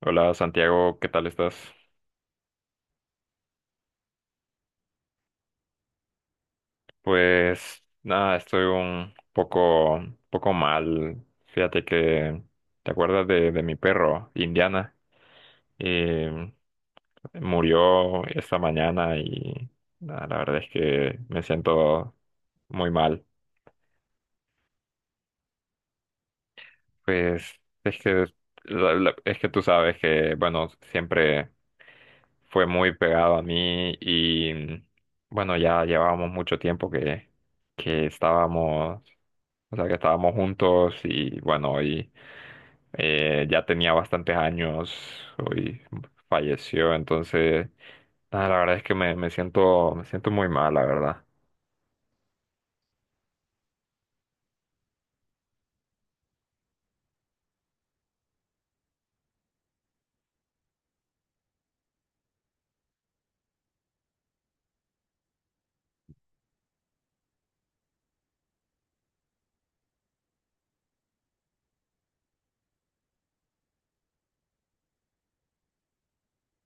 Hola Santiago, ¿qué tal estás? Pues nada, estoy un poco, poco mal. Fíjate que te acuerdas de mi perro, Indiana. Eh, Murió esta mañana y nada, la verdad es que me siento muy mal. Pues es que, es que tú sabes que, bueno, siempre fue muy pegado a mí y, bueno, ya llevábamos mucho tiempo que estábamos, o sea, que estábamos juntos y, bueno, hoy ya tenía bastantes años, hoy falleció, entonces, nada, la verdad es que me siento muy mal, la verdad.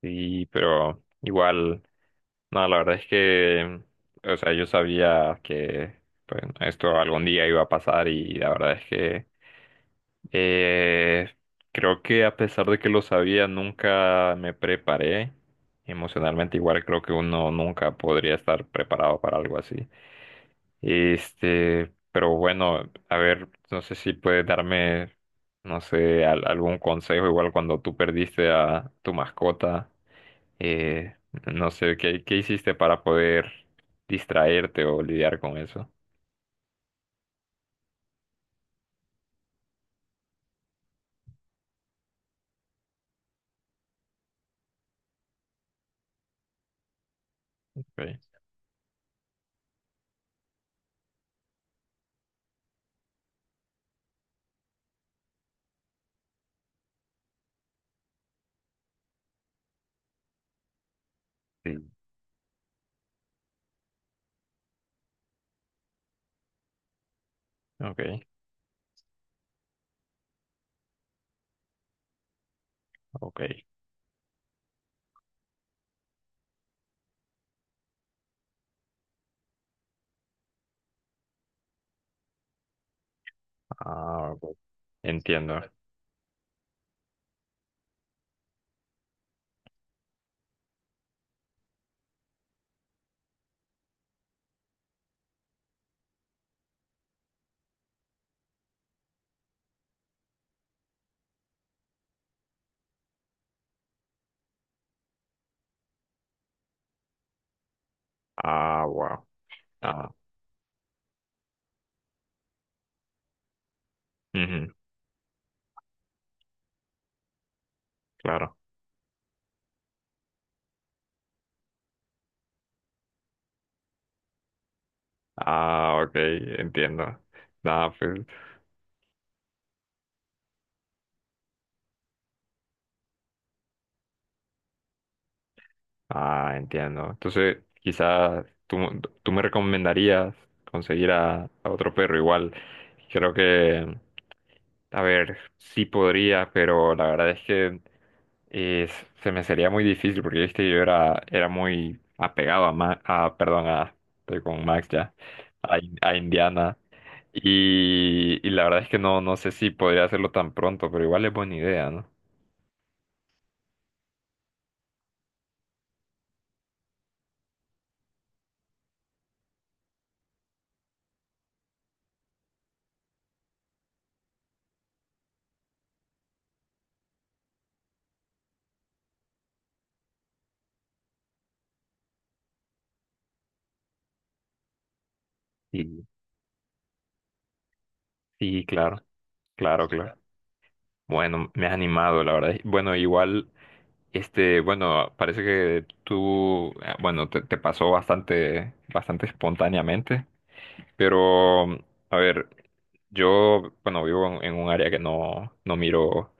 Sí, pero igual, no, la verdad es que, o sea, yo sabía que pues, esto algún día iba a pasar y la verdad es que eh, creo que a pesar de que lo sabía, nunca me preparé emocionalmente. Igual creo que uno nunca podría estar preparado para algo así. Este, pero bueno, a ver, no sé si puedes darme no sé, algún consejo, igual cuando tú perdiste a tu mascota, eh, no sé, ¿qué hiciste para poder distraerte o lidiar con eso? Okay. Sí. Ok, ok. Ah, ok. Entiendo. Ah, wow. Ah, ujú, claro. Ah, ok, entiendo. Nada, pues, ah, entiendo. Entonces, tú me recomendarías conseguir a otro perro igual. Creo que a ver, sí podría, pero la verdad es que eh, se me sería muy difícil porque viste era muy apegado a, perdón, a, estoy con Max ya, a, Indiana. Y la verdad es que no, no sé si podría hacerlo tan pronto, pero igual es buena idea, ¿no? Sí, sí, claro, claro, claro. Bueno, me has animado, la verdad. Bueno, igual, este, bueno, parece que tú, bueno, te pasó bastante, bastante espontáneamente. Pero, mm, a ver, yo, bueno, vivo en un área que no, no miro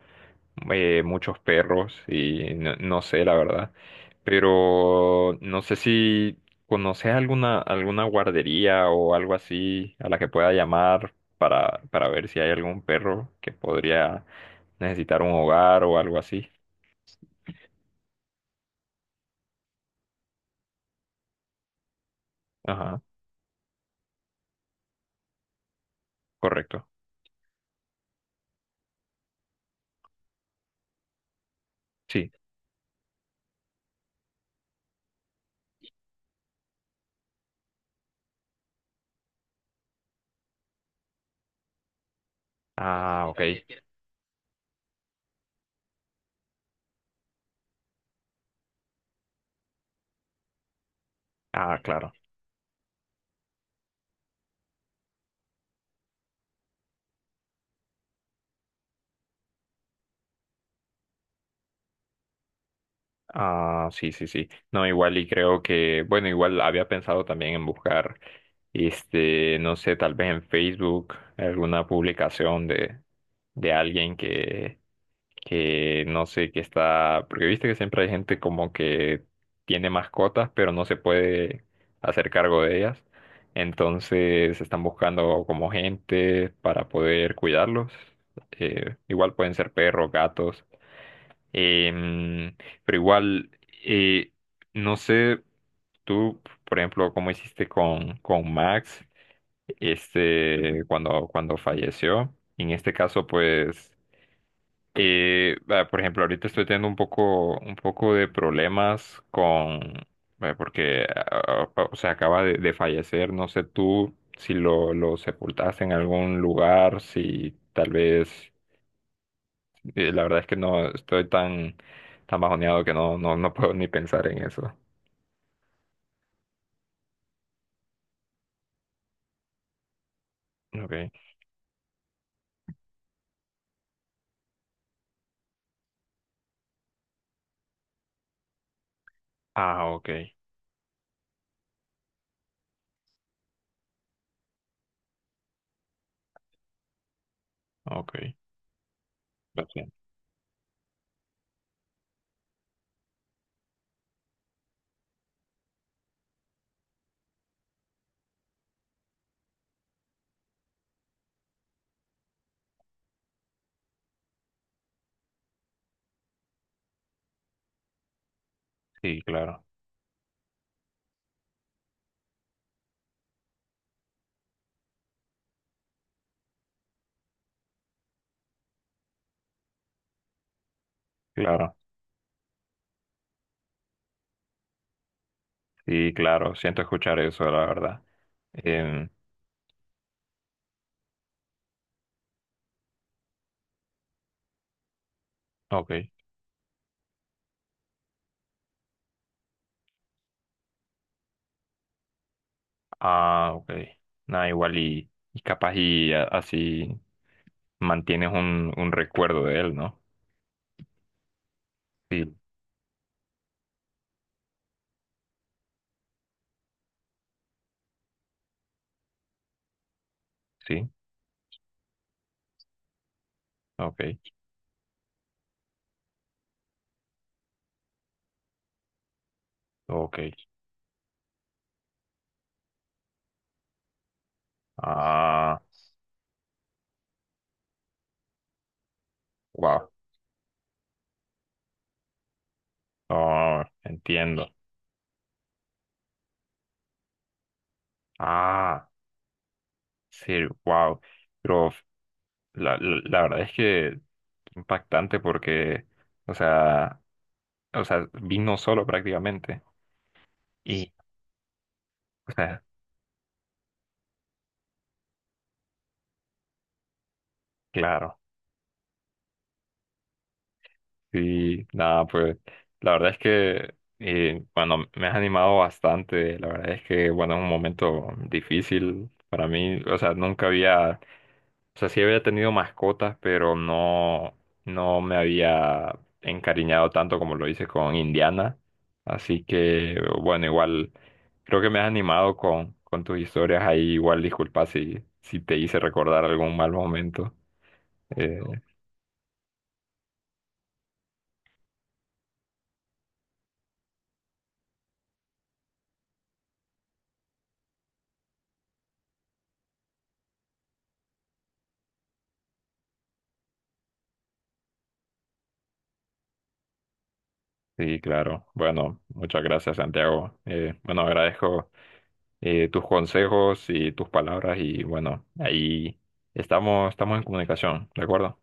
muchos perros y no, no sé, la verdad. Pero no sé si conoces alguna guardería o algo así a la que pueda llamar para ver si hay algún perro que podría necesitar un hogar o algo así. Ajá, correcto. Sí. Ah, ok. Ah, claro. Ah, sí, sí, sí. No, igual y creo que, bueno, igual había pensado también en buscar, este, no sé, tal vez en Facebook alguna publicación de alguien que no sé, que está, porque viste que siempre hay gente como que tiene mascotas, pero no se puede hacer cargo de ellas. Entonces están buscando como gente para poder cuidarlos. Igual pueden ser perros, gatos. Em, pero igual, eh, no sé, tú, por ejemplo, cómo hiciste con Max, este, cuando falleció. En este caso, pues, por ejemplo, ahorita estoy teniendo un poco de problemas con, porque, o sea, acaba de fallecer. No sé tú si lo sepultaste en algún lugar, si tal vez y la verdad es que no estoy tan, tan bajoneado que no puedo ni pensar en eso. Okay. Ah, okay. Okay. Lo siento. Sí, claro. Claro. Sí, claro. Siento escuchar eso, la verdad. Em, okay. Ah, okay. Nada, igual y capaz y así mantienes un recuerdo de él, ¿no? Sí, sí. Okay. Okay. Ah, wow. Oh, entiendo. Ah, sí, wow. La verdad es que impactante porque, o sea, o sea, vino solo prácticamente. Y, o sea, claro. Sí, nada, pues la verdad es que, bueno, me has animado bastante. La verdad es que, bueno, es un momento difícil para mí. O sea, nunca había, o sea, sí había tenido mascotas, pero no, no me había encariñado tanto como lo hice con Indiana. Así que, bueno, igual, creo que me has animado con tus historias ahí. Igual, disculpa si, si te hice recordar algún mal momento. Eh, Sí, claro. Bueno, muchas gracias, Santiago. Bueno, agradezco tus consejos y tus palabras y bueno, ahí estamos, estamos en comunicación, ¿de acuerdo?